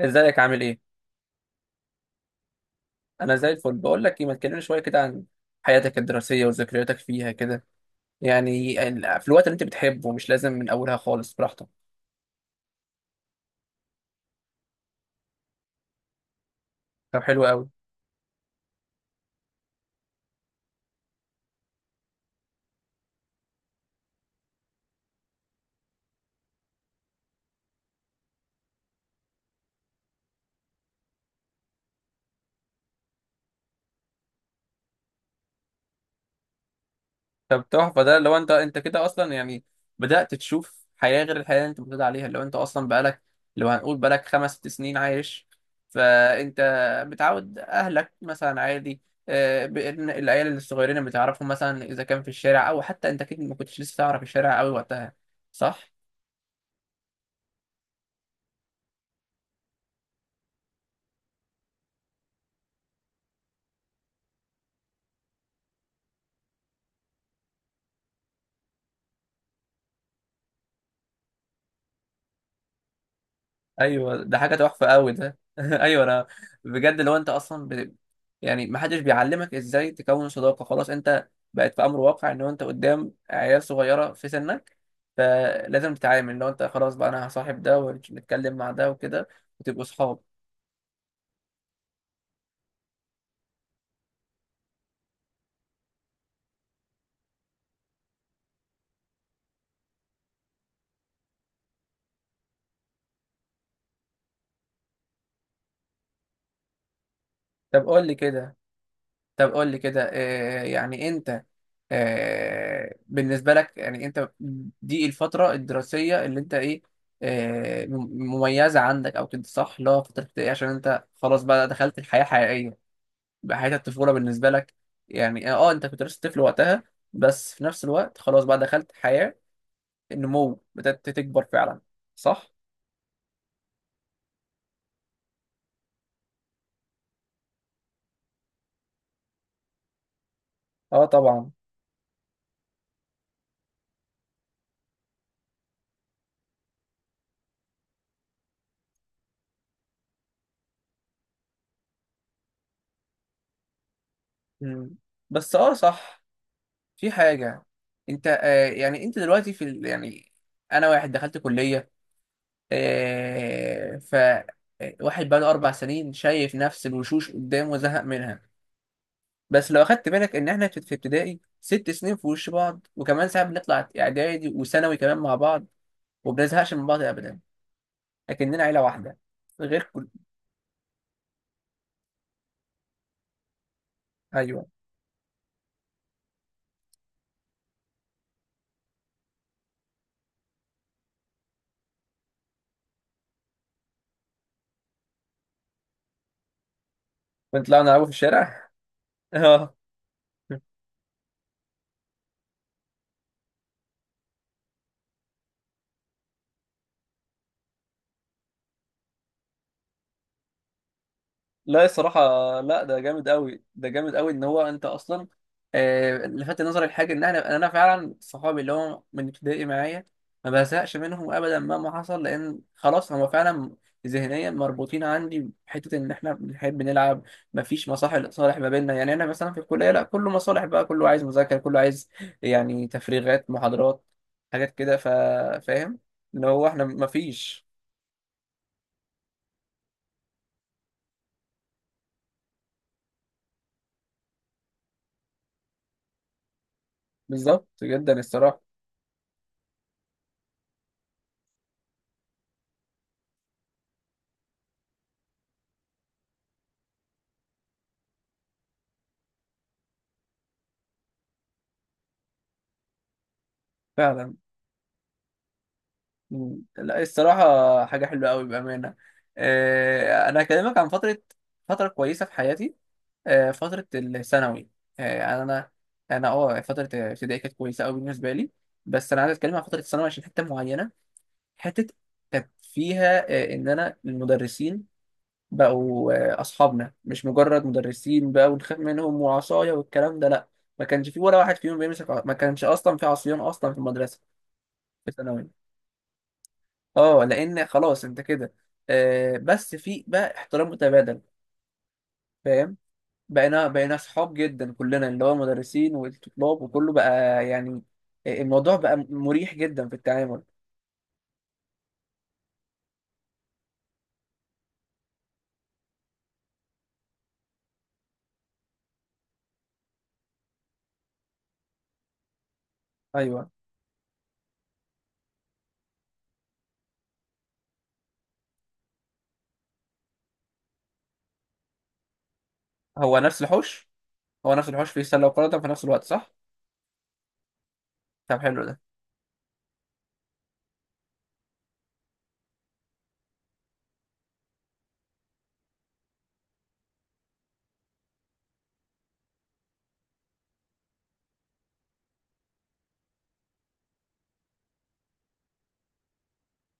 ازيك عامل ايه؟ انا زي الفل، بقول لك ايه، ما تكلمني شويه كده عن حياتك الدراسيه وذكرياتك فيها كده، يعني في الوقت اللي انت بتحبه، مش لازم من اولها خالص، براحتك. طب حلو قوي. طب تحفه ده، لو انت كده اصلا، يعني بدات تشوف حياه غير الحياه اللي انت متعود عليها، لو انت اصلا بقالك، لو هنقول بقالك 5 6 سنين عايش، فانت متعود اهلك مثلا عادي. بإن العيال الصغيرين اللي بتعرفهم مثلا، اذا كان في الشارع، او حتى انت اكيد ما كنتش لسه تعرف الشارع قوي وقتها، صح؟ ايوه ده حاجه تحفه قوي ده. ايوه انا بجد، لو انت اصلا يعني ما حدش بيعلمك ازاي تكون صداقه، خلاص انت بقت في امر واقع ان انت قدام عيال صغيره في سنك، فلازم تتعامل، لو انت خلاص بقى انا هصاحب ده ونتكلم مع ده وكده وتبقوا صحاب. طب قول لي كده طب قول لي كده، يعني انت، بالنسبه لك يعني انت دي الفتره الدراسيه اللي انت ايه، آه، م- مميزه عندك او كده، صح؟ اللي هو فتره ابتدائي عشان انت خلاص بقى دخلت الحياه حقيقيه، بقى حياه الطفوله بالنسبه لك. يعني اه، انت كنت لسه طفل وقتها، بس في نفس الوقت خلاص بقى دخلت حياه النمو، بدات تكبر فعلا، صح؟ اه طبعا. مم. بس اه صح. في حاجة، انت آه يعني انت دلوقتي في يعني انا واحد دخلت كلية، آه ف آه، واحد بقاله 4 سنين شايف نفس الوشوش قدامه وزهق منها، بس لو اخدت بالك ان احنا في ابتدائي 6 سنين في وش بعض، وكمان ساعات بنطلع اعدادي وثانوي كمان مع بعض وبنزهقش من بعض ابدا، اكننا عيلة واحدة، غير كل... ايوه، بنطلع نلعبوا في الشارع. اه. لا الصراحة، لا ده جامد قوي، ده جامد قوي، ان هو انت اصلا، لفت نظري الحاجة ان احنا، انا فعلا صحابي اللي هم من ابتدائي معايا، ما بزهقش منهم ابدا مهما حصل، لان خلاص هم فعلا ذهنيا مربوطين عندي بحتة ان احنا بنحب نلعب، مفيش مصالح صالح ما بيننا. يعني انا مثلا في الكلية لا، كله مصالح بقى، كله عايز مذاكرة، كله عايز يعني تفريغات محاضرات، حاجات كده فاهم، اللي هو احنا مفيش... بالظبط جدا، الصراحة. فعلا. مم. لا الصراحة حاجة حلوة أوي بأمانة. أنا هكلمك عن فترة، فترة كويسة في حياتي، فترة الثانوي. آه، يعني أنا أنا أه فترة ابتدائي كانت كويسة أوي بالنسبة لي، بس أنا عايز أتكلم عن فترة الثانوي عشان حتة معينة، حتة كانت فيها إن أنا المدرسين بقوا أصحابنا، مش مجرد مدرسين بقى ونخاف منهم وعصاية والكلام ده، لأ. ما كانش في ولا واحد فيهم بيمسك ما كانش أصلا في عصيان أصلا في المدرسة. في الثانوي اه، لان خلاص انت كده بس في بقى احترام متبادل، فاهم؟ بقينا اصحاب جدا كلنا، اللي هو مدرسين والطلاب وكله بقى، يعني الموضوع بقى مريح جدا في التعامل. ايوه. هو نفس الحوش، هو نفس الحوش فيه سله وقدم في نفس الوقت، صح؟ طب حلو ده.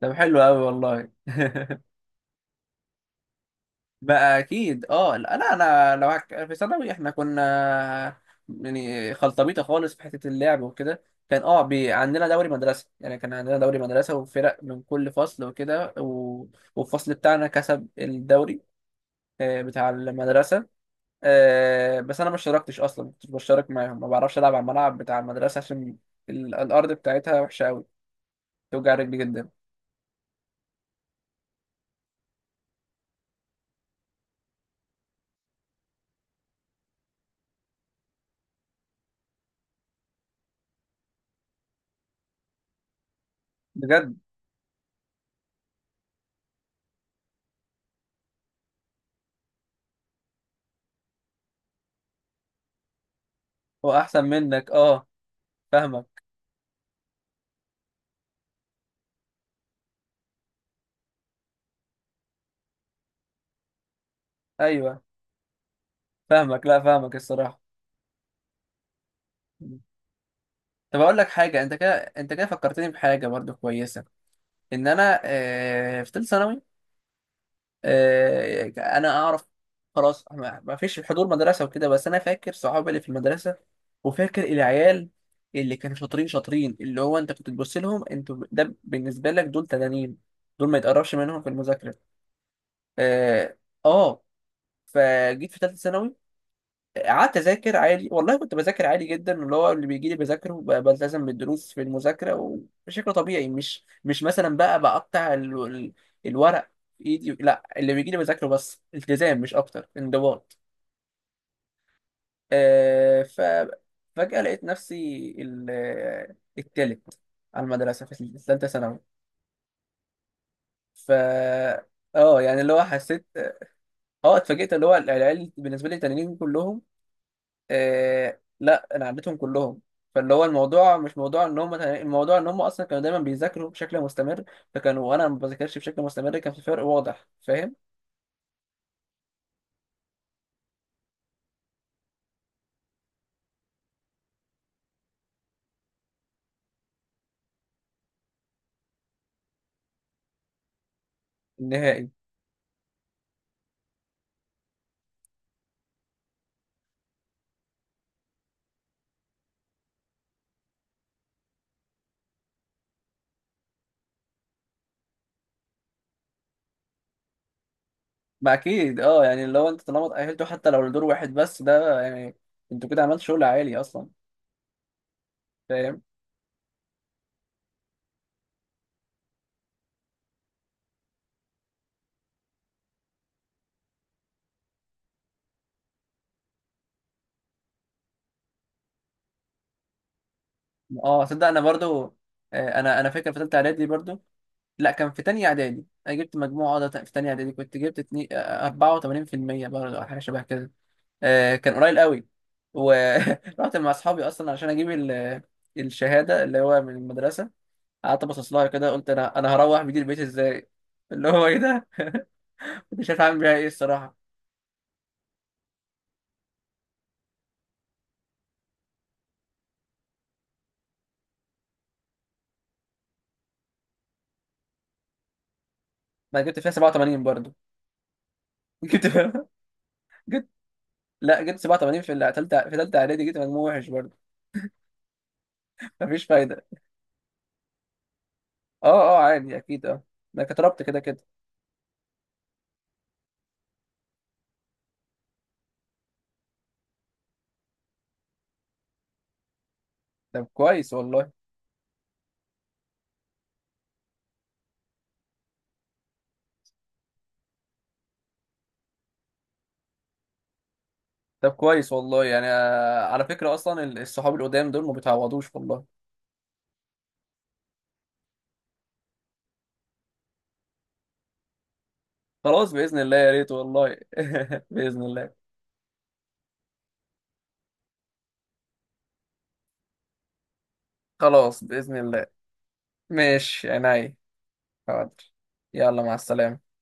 طب حلو قوي والله. بقى اكيد اه، لا لا، انا لو في ثانوي احنا كنا يعني خلطبيطه خالص في حته اللعب وكده. كان اه عندنا دوري مدرسه، يعني كان عندنا دوري مدرسه وفرق من كل فصل وكده و... والفصل بتاعنا كسب الدوري، بتاع المدرسه. بس انا ما اشتركتش اصلا، ما كنتش بشترك معاهم، ما بعرفش العب على الملعب بتاع المدرسه عشان الارض بتاعتها وحشه قوي، توجع رجلي جدا. بجد. هو احسن منك اه. فاهمك. ايوه فاهمك، لا فاهمك الصراحه. طب اقول لك حاجه، انت كده فكرتني بحاجه برضو كويسه، ان انا في ثالثه ثانوي، انا اعرف خلاص، ما فيش حضور مدرسه وكده، بس انا فاكر صحابي اللي في المدرسه وفاكر العيال اللي كانوا شاطرين شاطرين، اللي هو انت كنت تبص لهم انتوا، ده بالنسبه لك دول تنانين، دول ما يتقربش منهم في المذاكره. اه. آه، فجيت في ثالثه ثانوي، قعدت اذاكر عادي والله، كنت بذاكر عادي جدا، اللي هو اللي بيجي لي بذاكره، بلتزم بالدروس في المذاكره وبشكل طبيعي، مش مثلا بقى بقطع الورق في ايدي، لا اللي بيجي لي بذاكره بس، التزام مش اكتر، انضباط. آه ف فجأة لقيت نفسي ال... التالت على المدرسه في ثالثه ثانوي. ف اه، يعني اللي هو حسيت اه اتفاجئت، اللي هو العيال بالنسبه لي التانيين كلهم، آه لا انا عديتهم كلهم. فاللي هو الموضوع مش موضوع ان هم، الموضوع ان هم اصلا كانوا دايما بيذاكروا بشكل مستمر، فكانوا وانا ما بذاكرش بشكل مستمر، كان في فرق واضح، فاهم؟ النهائي. ما اكيد اه، يعني لو انت طالما اتأهلتوا حتى لو لدور واحد بس، ده يعني انتوا كده عملتوا شغل عالي اصلا، فاهم. اه صدق انا برضو، انا فاكر في ثالثه اعدادي برضو، لا كان في تانية اعدادي انا جبت مجموعة ده، في تانية اعدادي كنت جبت 84% برضو أو حاجة شبه كده، كان قليل قوي. ورحت مع اصحابي اصلا عشان اجيب الشهاده اللي هو من المدرسه، قعدت ابصص لها كده قلت انا هروح بدي البيت ازاي، اللي هو ايه ده، مش عارف اعمل بيها ايه الصراحه. انا جبت فيها 87 برضو. جبت فيها جبت لا جبت 87 في تالتة، في تالتة اعدادي جبت مجموع وحش برضو. مفيش فايده. اه اه عادي اكيد اه، انا كتربت كده كده. طب كويس والله. طب كويس والله يعني، على فكره اصلا الصحاب القدام دول ما بيتعوضوش والله. خلاص بإذن الله، يا ريت والله. بإذن الله. خلاص بإذن الله. ماشي عينيا. حاضر. يلا مع السلامة.